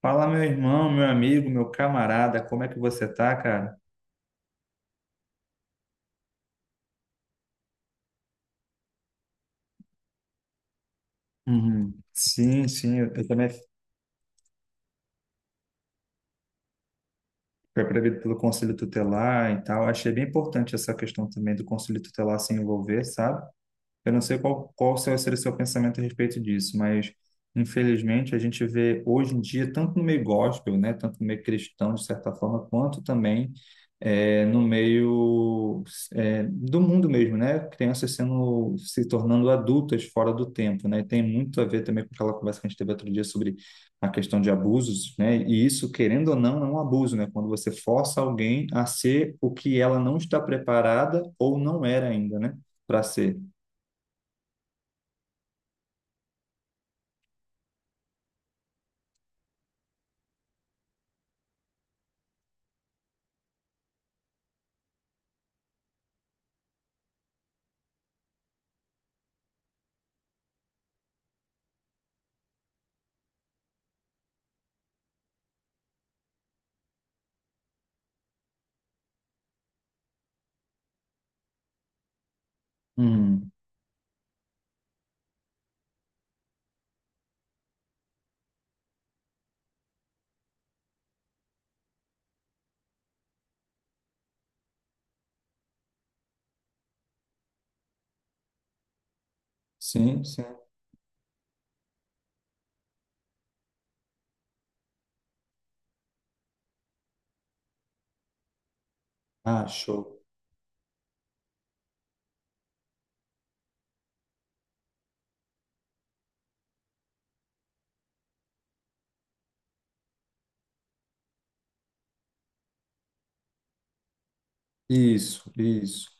Fala, meu irmão, meu amigo, meu camarada, como é que você tá, cara? Uhum. Sim, sim, eu também fui proibido pelo Conselho Tutelar e tal. Achei bem importante essa questão também do Conselho Tutelar se envolver, sabe? Eu não sei seria o seu pensamento a respeito disso, mas infelizmente a gente vê hoje em dia, tanto no meio gospel, né, tanto no meio cristão, de certa forma, quanto também no meio do mundo mesmo, né? Crianças sendo, se tornando adultas fora do tempo, né? E tem muito a ver também com aquela conversa que a gente teve outro dia sobre a questão de abusos, né? E isso, querendo ou não, é um abuso, né? Quando você força alguém a ser o que ela não está preparada ou não era ainda, né? Para ser. Hum, sim, sim. Ah, show. Isso, isso.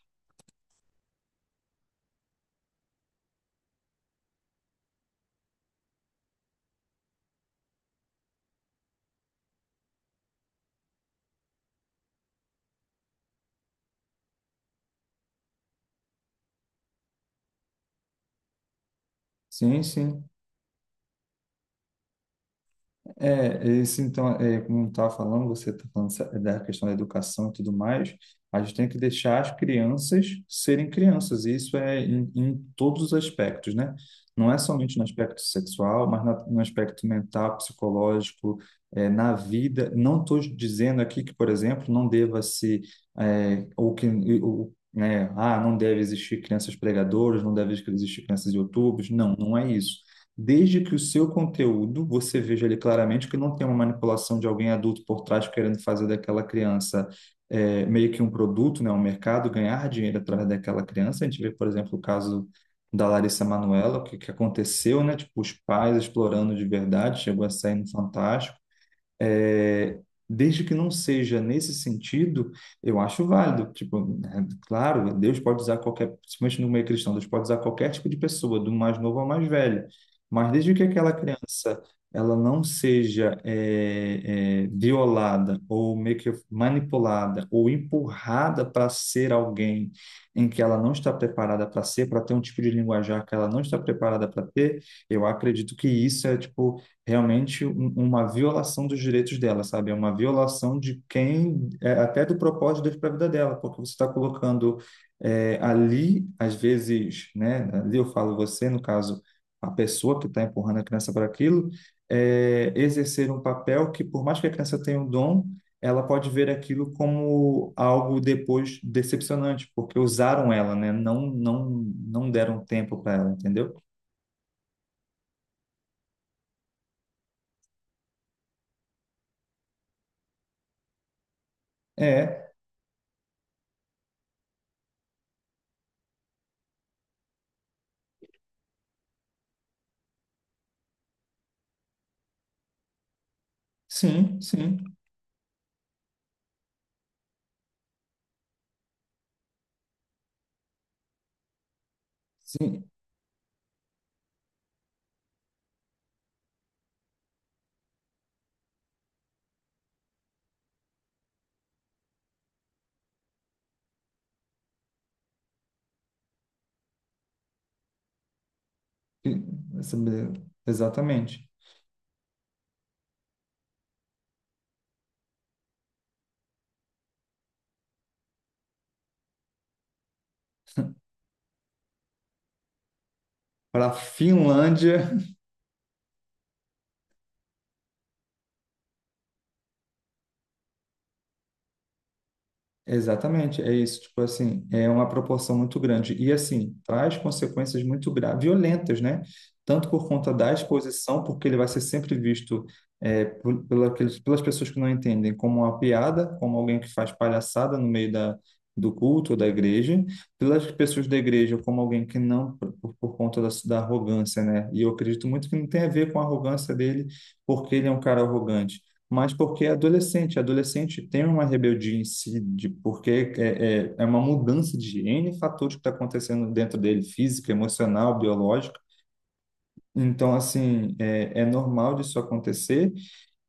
Sim, sim. É, isso então, é, como eu estava falando, você está falando da questão da educação e tudo mais, a gente tem que deixar as crianças serem crianças, e isso é em todos os aspectos, né? Não é somente no aspecto sexual, mas no aspecto mental, psicológico, é, na vida. Não estou dizendo aqui que, por exemplo, não deva se, é, ou que, ou, né, ah, não deve existir crianças pregadoras, não deve existir crianças youtubers, não, não é isso, desde que o seu conteúdo você veja ali claramente que não tem uma manipulação de alguém adulto por trás querendo fazer daquela criança é, meio que um produto, né, um mercado, ganhar dinheiro através daquela criança. A gente vê, por exemplo, o caso da Larissa Manoela, o que aconteceu, né? Tipo, os pais explorando de verdade, chegou a sair no Fantástico. É, desde que não seja nesse sentido, eu acho válido. Tipo, né, claro, Deus pode usar qualquer, principalmente no meio cristão, Deus pode usar qualquer tipo de pessoa, do mais novo ao mais velho. Mas desde que aquela criança ela não seja violada ou meio que manipulada ou empurrada para ser alguém em que ela não está preparada para ser, para ter um tipo de linguajar que ela não está preparada para ter, eu acredito que isso é tipo realmente uma violação dos direitos dela, sabe? É uma violação de quem, é, até do propósito de Deus para a vida dela, porque você está colocando é, ali, às vezes, né? Ali eu falo você, no caso, a pessoa que está empurrando a criança para aquilo, é, exercer um papel que, por mais que a criança tenha um dom, ela pode ver aquilo como algo depois decepcionante, porque usaram ela, né? Não, não deram tempo para ela, entendeu? É, sim, sim. Sim, Fi- essa- exatamente. Para a Finlândia. Exatamente, é isso, tipo assim, é uma proporção muito grande e assim, traz consequências muito graves, violentas, né? Tanto por conta da exposição, porque ele vai ser sempre visto é, pelas pessoas que não entendem como uma piada, como alguém que faz palhaçada no meio da, do culto ou da igreja, pelas pessoas da igreja como alguém que não, por conta da arrogância, né? E eu acredito muito que não tem a ver com a arrogância dele, porque ele é um cara arrogante, mas porque é adolescente. Adolescente tem uma rebeldia em si, de, porque é uma mudança de N fatores que está acontecendo dentro dele, física, emocional, biológica. Então, assim, é normal disso acontecer,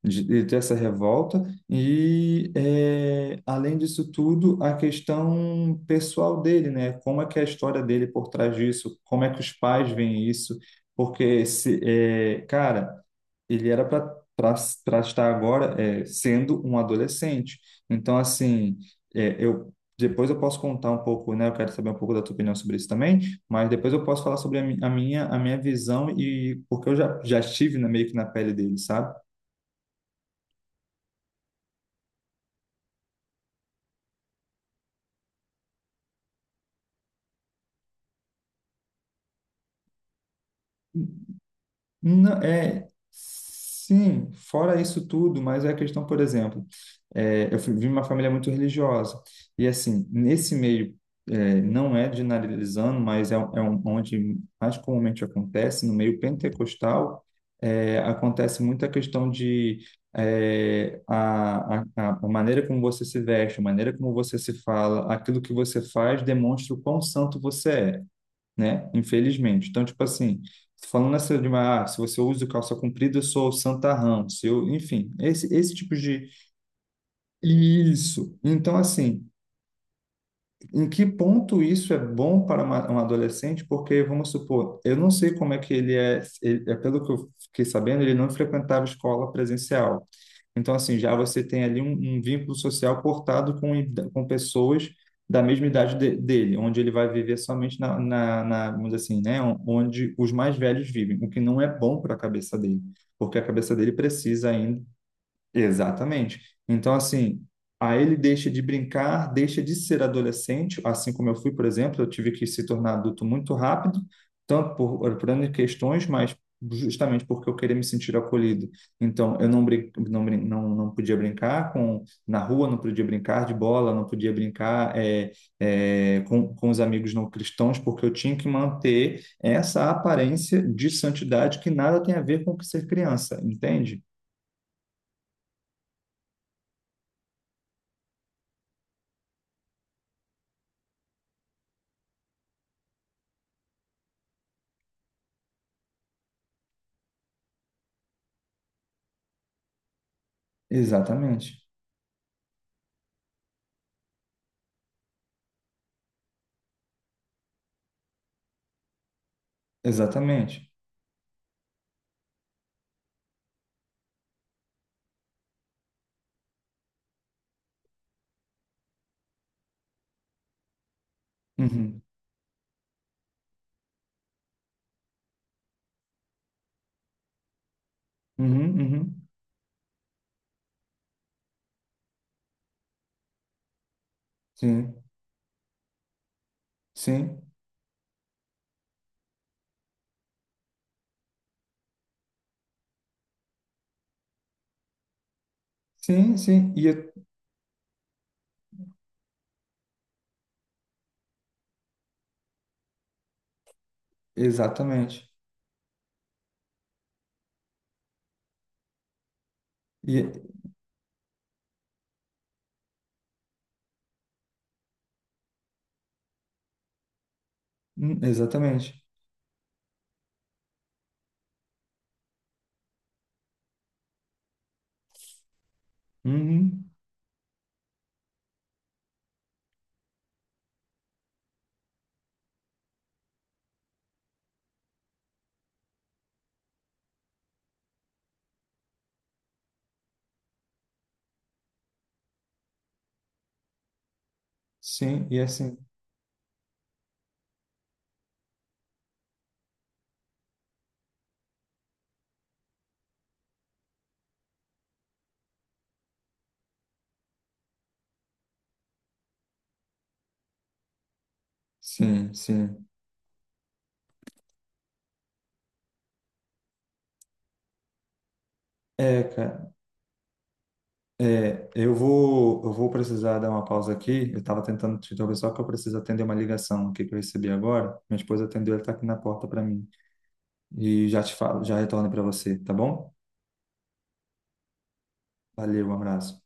de ter essa revolta, e é, além disso tudo, a questão pessoal dele, né? Como é que é a história dele por trás disso? Como é que os pais veem isso? Porque, se, é, cara, ele era para estar agora é, sendo um adolescente. Então, assim, eu depois eu posso contar um pouco, né? Eu quero saber um pouco da tua opinião sobre isso também, mas depois eu posso falar sobre a minha visão e porque eu já estive na, meio que na pele dele, sabe? Não, é, sim, fora isso tudo, mas é a questão, por exemplo, é, vim de uma família muito religiosa, e assim, nesse meio, é, não é generalizando, mas é, onde mais comumente acontece, no meio pentecostal, é, acontece muita questão de é, a maneira como você se veste, a maneira como você se fala, aquilo que você faz demonstra o quão santo você é, né? Infelizmente. Então, tipo assim, falando essa de uma, ah, se você usa calça comprida, eu sou o santarrão, se eu, enfim, esse tipo de. Isso. Então, assim, em que ponto isso é bom para uma, um adolescente? Porque, vamos supor, eu não sei como é que ele é, é pelo que eu fiquei sabendo, ele não frequentava escola presencial. Então, assim, já você tem ali um vínculo social cortado com, com pessoas da mesma idade dele, onde ele vai viver somente na, vamos dizer assim, né, onde os mais velhos vivem, o que não é bom para a cabeça dele, porque a cabeça dele precisa ainda. Exatamente. Então, assim, aí ele deixa de brincar, deixa de ser adolescente, assim como eu fui, por exemplo, eu tive que se tornar adulto muito rápido, tanto por N questões, mas justamente porque eu queria me sentir acolhido. Então, eu não, brin não, brin- não, não podia brincar com, na rua, não podia brincar de bola, não podia brincar com os amigos não cristãos, porque eu tinha que manter essa aparência de santidade que nada tem a ver com ser criança, entende? Exatamente. Exatamente. Uhum. Uhum, uhum. Sim, sim, sim, sim. E é- exatamente. E, é- exatamente. Uhum. Sim, e é assim. Sim, sim. É, cara, é, eu vou precisar dar uma pausa aqui. Eu estava tentando te interromper, só que eu preciso atender uma ligação aqui que eu recebi agora. Minha esposa atendeu, ela está aqui na porta para mim. E já te falo, já retorno para você, tá bom? Valeu, um abraço.